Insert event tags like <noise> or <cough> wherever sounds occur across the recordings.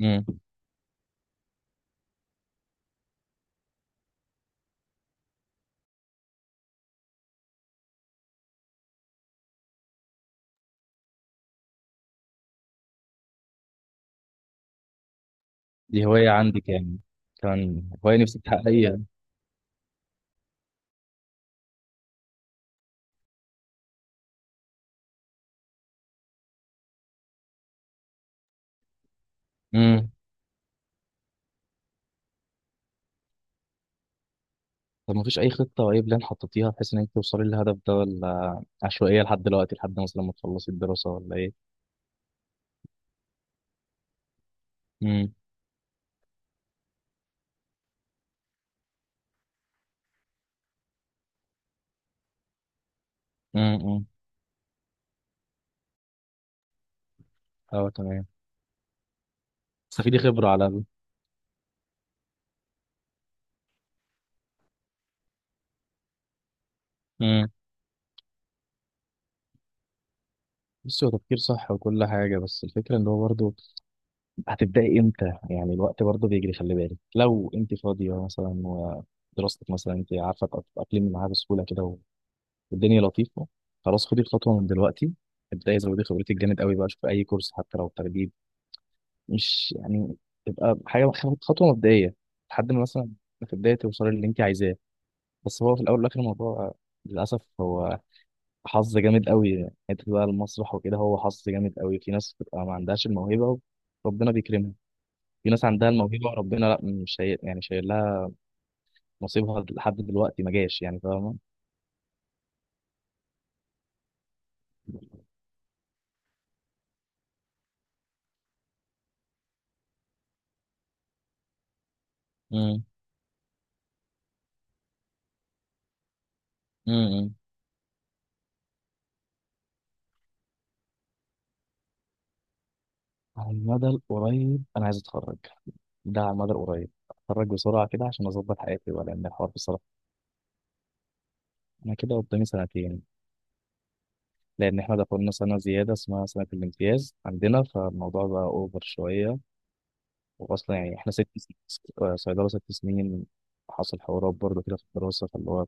امم دي هواية عندك يعني. كان هواية نفسك تحققيها. امم طب ما فيش أي خطة أو أي بلان حطيتيها بحيث إنك توصلي للهدف ده، ولا عشوائية لحد دلوقتي لحد مثلا ما تخلصي الدراسة، ولا إيه؟ امم امم أه تمام. تستفيدي خبرة على الأقل. امم بصي، هو تفكير صح وكل حاجة، بس الفكرة إن هو برضه هتبدأي إمتى؟ يعني الوقت برضه بيجري، خلي بالك. لو أنت فاضية مثلا، ودراستك مثلا، أنت عارفة تتأقلمي معاها بسهولة كده والدنيا لطيفه، خلاص خدي الخطوه من دلوقتي. ابداي، زودي خبرتك جامد قوي بقى، شوفي اي كورس حتى لو تدريب. مش يعني تبقى حاجه، خطوه مبدئيه، لحد ما مثلا في البدايه توصلي للي انت عايزاه. بس هو في الاول والاخر الموضوع للاسف هو حظ. جامد قوي حته بقى المسرح وكده، هو حظ جامد قوي. في ناس بتبقى ما عندهاش الموهبه وربنا بيكرمها، في ناس عندها الموهبه وربنا لا مش شايل، يعني شايل لها نصيبها لحد دلوقتي ما جاش، يعني فاهمه. امم امم على المدى القريب انا عايز اتخرج، ده على المدى القريب. اتخرج بسرعة كده عشان أظبط حياتي، ولا لأن الحوار بصراحة. أنا كده قدامي سنتين، لأن إحنا دخلنا سنة زيادة اسمها سنة الامتياز عندنا، فالموضوع بقى أوفر شوية. وأصلا يعني إحنا ست سنين، صيدلة ست سنين. حصل حوارات برضه كده في الدراسة، فاللي هو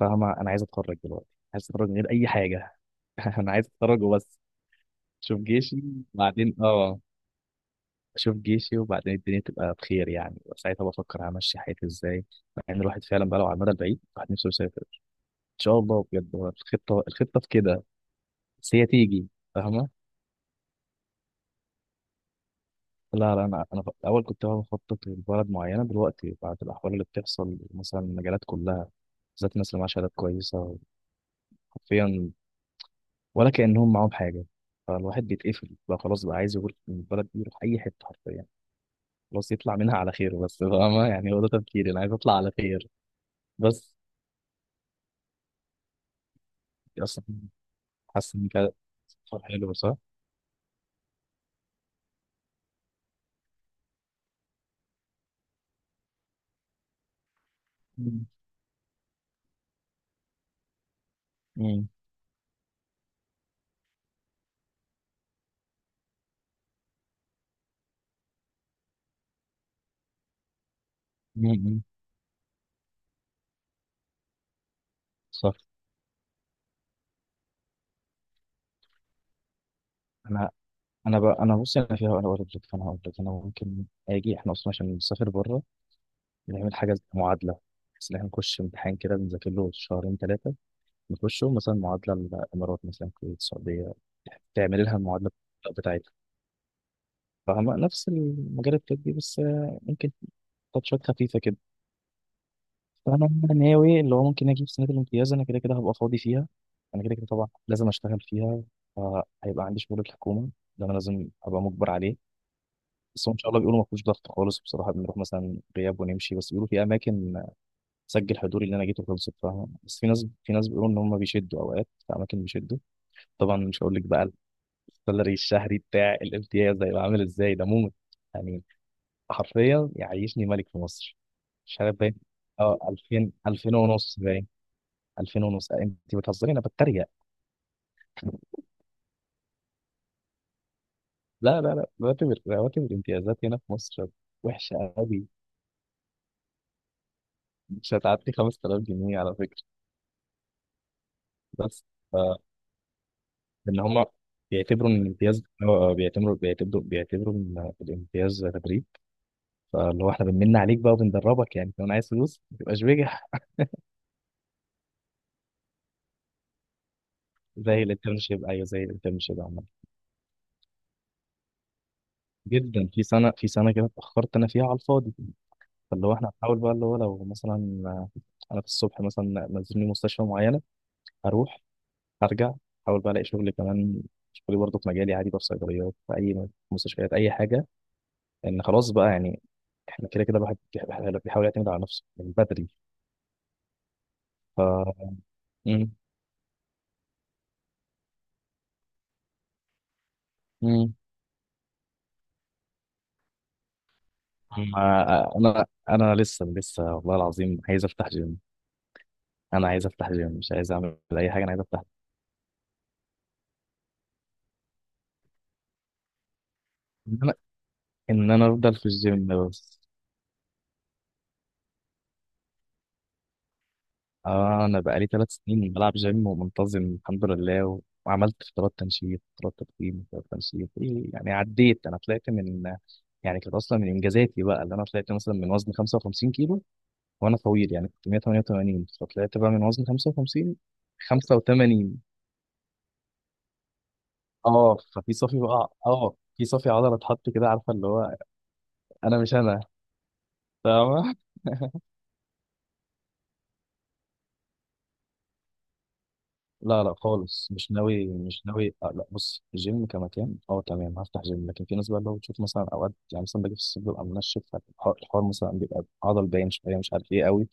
فاهمة أنا عايز أتخرج دلوقتي. عايز أتخرج من غير أي حاجة. <laughs> أنا عايز أتخرج وبس. أشوف جيشي. بعدين أشوف جيشي، وبعدين الدنيا تبقى بخير يعني، وساعتها بفكر همشي حياتي إزاي. مع إن الواحد فعلا بقى، لو على المدى البعيد الواحد نفسه يسافر. شاء الله بجد، هو الخطه، في كده. بس هي تيجي فاهمه. لا لا انا في الاول كنت بقى بخطط لبلد معينه. دلوقتي بعد الاحوال اللي بتحصل مثلا، المجالات كلها بالذات، الناس اللي معاها شهادات كويسه حرفيا ولا كانهم معاهم حاجه. فالواحد بيتقفل بقى، خلاص بقى عايز يقول من البلد دي يروح اي حته حرفيا. خلاص يطلع منها على خير بس، فاهمه يعني. هو ده تفكيري، انا عايز اطلع على خير بس. دي اصلا حاسس ان كانت سفر حلو صح؟ مم. مم. مم. صح. انا انا بقى، انا بص، انا فيها، انا اقول لك، فانا هقول لك انا ممكن اجي. احنا اصلا عشان نسافر بره نعمل حاجه زي معادله، بس ان احنا نخش امتحان كده بنذاكر له شهرين ثلاثه. نخشه مثلا معادله الامارات، مثلا الكويت، السعوديه، تعمل لها المعادله بتاعتها. فاهمة؟ نفس المجال الطبي، بس ممكن تاتشات خفيفه كده. فانا ناوي اللي هو ممكن اجي في سنه الامتياز، انا كده كده هبقى فاضي فيها، انا كده كده طبعا لازم اشتغل فيها. فهيبقى عندي شغل الحكومه، ده انا لازم ابقى مجبر عليه. بس هو ان شاء الله بيقولوا ما فيهوش ضغط خالص بصراحه، بنروح مثلا غياب ونمشي. بس بيقولوا في اماكن سجل حضوري اللي انا جيته خلصت فاهم، بس في ناس، بيقولوا ان هم بيشدوا اوقات. في اماكن بيشدوا. طبعا مش هقول لك بقى السالري الشهري بتاع الامتياز ده هيبقى عامل ازاي، ده موت يعني، حرفيا يعيشني ملك في مصر، مش عارف، باين. اه، 2000، 2000 ونص باين. 2000 ونص. انت بتهزري، انا بتريق. لا لا لا، رواتب، رواتب الامتيازات هنا في مصر وحشه قوي. مش هتعدي 5000 جنيه على فكره. بس آه، لان هم بيعتبروا ان الامتياز، بيعتبروا ان الامتياز تدريب. فاللي هو احنا بنمن عليك بقى وبندربك، يعني لو انا عايز فلوس ما تبقاش بجح. زي الانترنشيب، ايوه زي الانترنشيب عامه جدا. في سنه، كده اتاخرت انا فيها على الفاضي. فاللي هو احنا هنحاول بقى اللي هو لو مثلا انا في الصبح مثلا نزلني مستشفى معينه، اروح، ارجع، احاول بقى الاقي شغل كمان، شغلي برضه في مجالي عادي بقى، في صيدليات، في اي مستشفيات، اي حاجه. لان خلاص بقى يعني احنا كده كده الواحد بيحاول يعتمد على نفسه من بدري. ف. مم. مم. انا لسه، والله العظيم عايز افتح جيم. انا عايز افتح جيم، مش عايز اعمل اي حاجه، انا عايز افتح. ان انا، افضل في الجيم بس. آه، انا بقالي ثلاث سنين بلعب جيم ومنتظم الحمد لله، وعملت فترات تنشيط، فترات تضخيم، فترات تنشيط إيه يعني، عديت. انا طلعت من، يعني كانت اصلا من انجازاتي بقى اللي انا طلعت مثلا من وزن 55 كيلو. وانا طويل يعني، كنت 188، فطلعت بقى من وزن 55، 85. اه ففي صافي بقى، اه في صافي عضله اتحط كده، عارفه اللي هو. انا مش انا فاهمه. لا لا خالص، مش ناوي، مش ناوي. لا، بص، الجيم كمكان اه تمام هفتح جيم، لكن في ناس بقى اللي هو بتشوف مثلا اوقات يعني، مثلا باجي في الصيف ببقى منشف، الحوار مثلا بيبقى عضل باين شويه، مش عارف ايه قوي.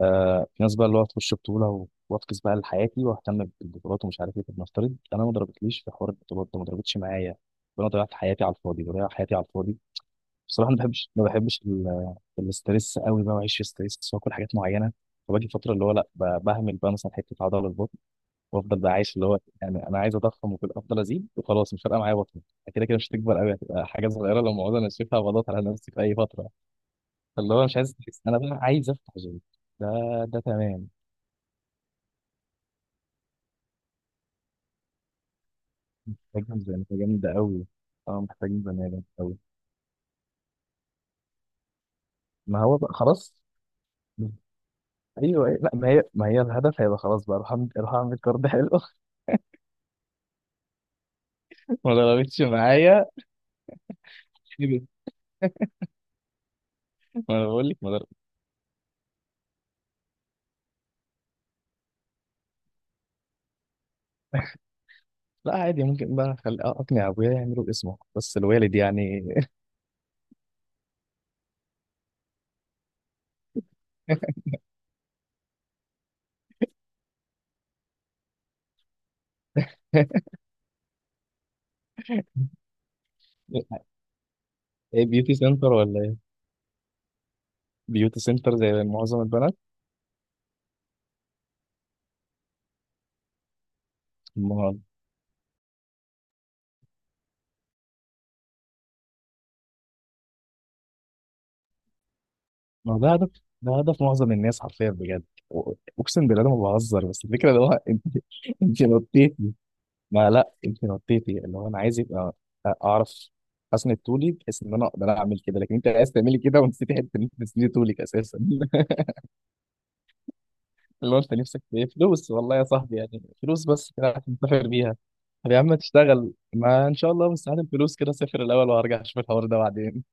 في ناس بقى اللي هو تخش بطوله وافكس بقى لحياتي واهتم بالبطولات ومش عارف ايه. طب نفترض انا ما ضربتليش في حوار البطولات ده، ما ضربتش معايا، فانا ضيعت حياتي على الفاضي، بضيع حياتي على الفاضي. بصراحه ما بحبش، ما بحبش الاستريس قوي بقى، واعيش في ستريس، واكل حاجات معينه. فباجي فتره اللي هو لا بهمل بقى مثلا حته عضله البطن، وافضل بقى عايش، اللي هو يعني انا عايز اضخم وكل، افضل ازيد وخلاص مش فارقه معايا بطني. كده كده مش هتكبر قوي، هتبقى حاجه صغيره لو موجوده، انا شايفها بضغط على نفسي في اي فتره. فاللي هو مش عايز استريس، انا بقى عايز افتح جيم. ده ده تمام. محتاج ميزانيه جامده قوي. اه محتاج ميزانيه جامده قوي. ما هو بقى خلاص. ايوه أيوة. لا، ما هي الهدف هيبقى خلاص بقى، اروح اعمل، أروح أعمل كارد حلو. <laughs> ما ضربتش معايا. إيه ده؟ ما انا بقول لك ما ده-. لا عادي، ممكن بقى، خل... اقنع ابويا يعملوا اسمه بس الوالد يعني. <laughs> ايه بيوتي سنتر ولا ايه؟ بيوتي سنتر زي معظم البنات. ما ما هو ده هدف، ده هدف معظم الناس حرفيا بجد. و-. اقسم بالله انا ما بهزر، بس الفكره اللي هو <laughs> انت. انت نطيتي، ما لا انت نطيتي، اللي هو انا عايز يبقى، اعرف اسند طولي بحيث ان انا اقدر اعمل كده، لكن انت عايز تعملي كده ونسيتي حته ان انت تسندي طولك اساسا. <laughs> اللي هو انت نفسك في إيه؟ فلوس والله يا صاحبي يعني، فلوس بس كده عشان تسافر بيها. طب يا عم تشتغل، ما ان شاء الله بس هات الفلوس كده سافر الاول، وهرجع اشوف الحوار ده بعدين.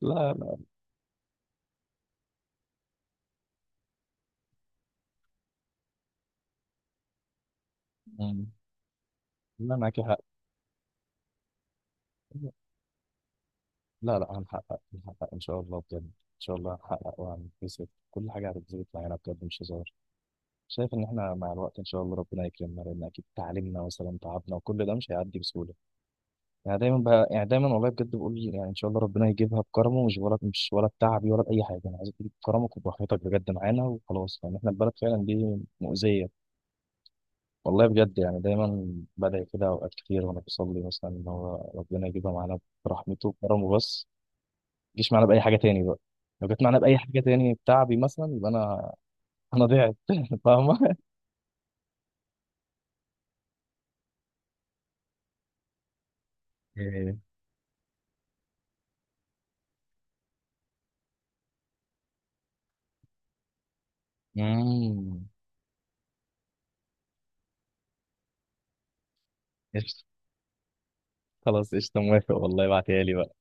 لا لا يعني. لا معاك حق. لا لا هنحقق، هنحقق ان شاء الله بجد. ان شاء الله هنحقق وهنكتسب كل حاجه هتتظبط معانا بجد مش هزار. شايف ان احنا مع الوقت ان شاء الله ربنا يكرمنا، لان اكيد تعليمنا مثلا تعبنا وكل ده مش هيعدي بسهوله. يعني دايما بقى، يعني دايما والله بجد بقول يعني ان شاء الله ربنا يجيبها بكرمه، مش ولا، مش ولا بتعبي ولا باي حاجه، انا عايزك تجيب بكرمك وبراحتك بجد معانا وخلاص، لان يعني احنا البلد فعلا دي مؤذيه. والله بجد يعني دايما بدعي كده اوقات كتير، وانا بصلي مثلا ان هو ربنا يجيبها معانا برحمته وكرمه بس. ما تجيش معانا باي حاجه تاني بقى، لو جت معانا باي حاجه تاني بتعبي مثلا يبقى انا، انا ضعت. <laughs> فاهمه. إيه. امم قشطة. خلاص قشطه، موافق والله، ابعتيها لي بقى.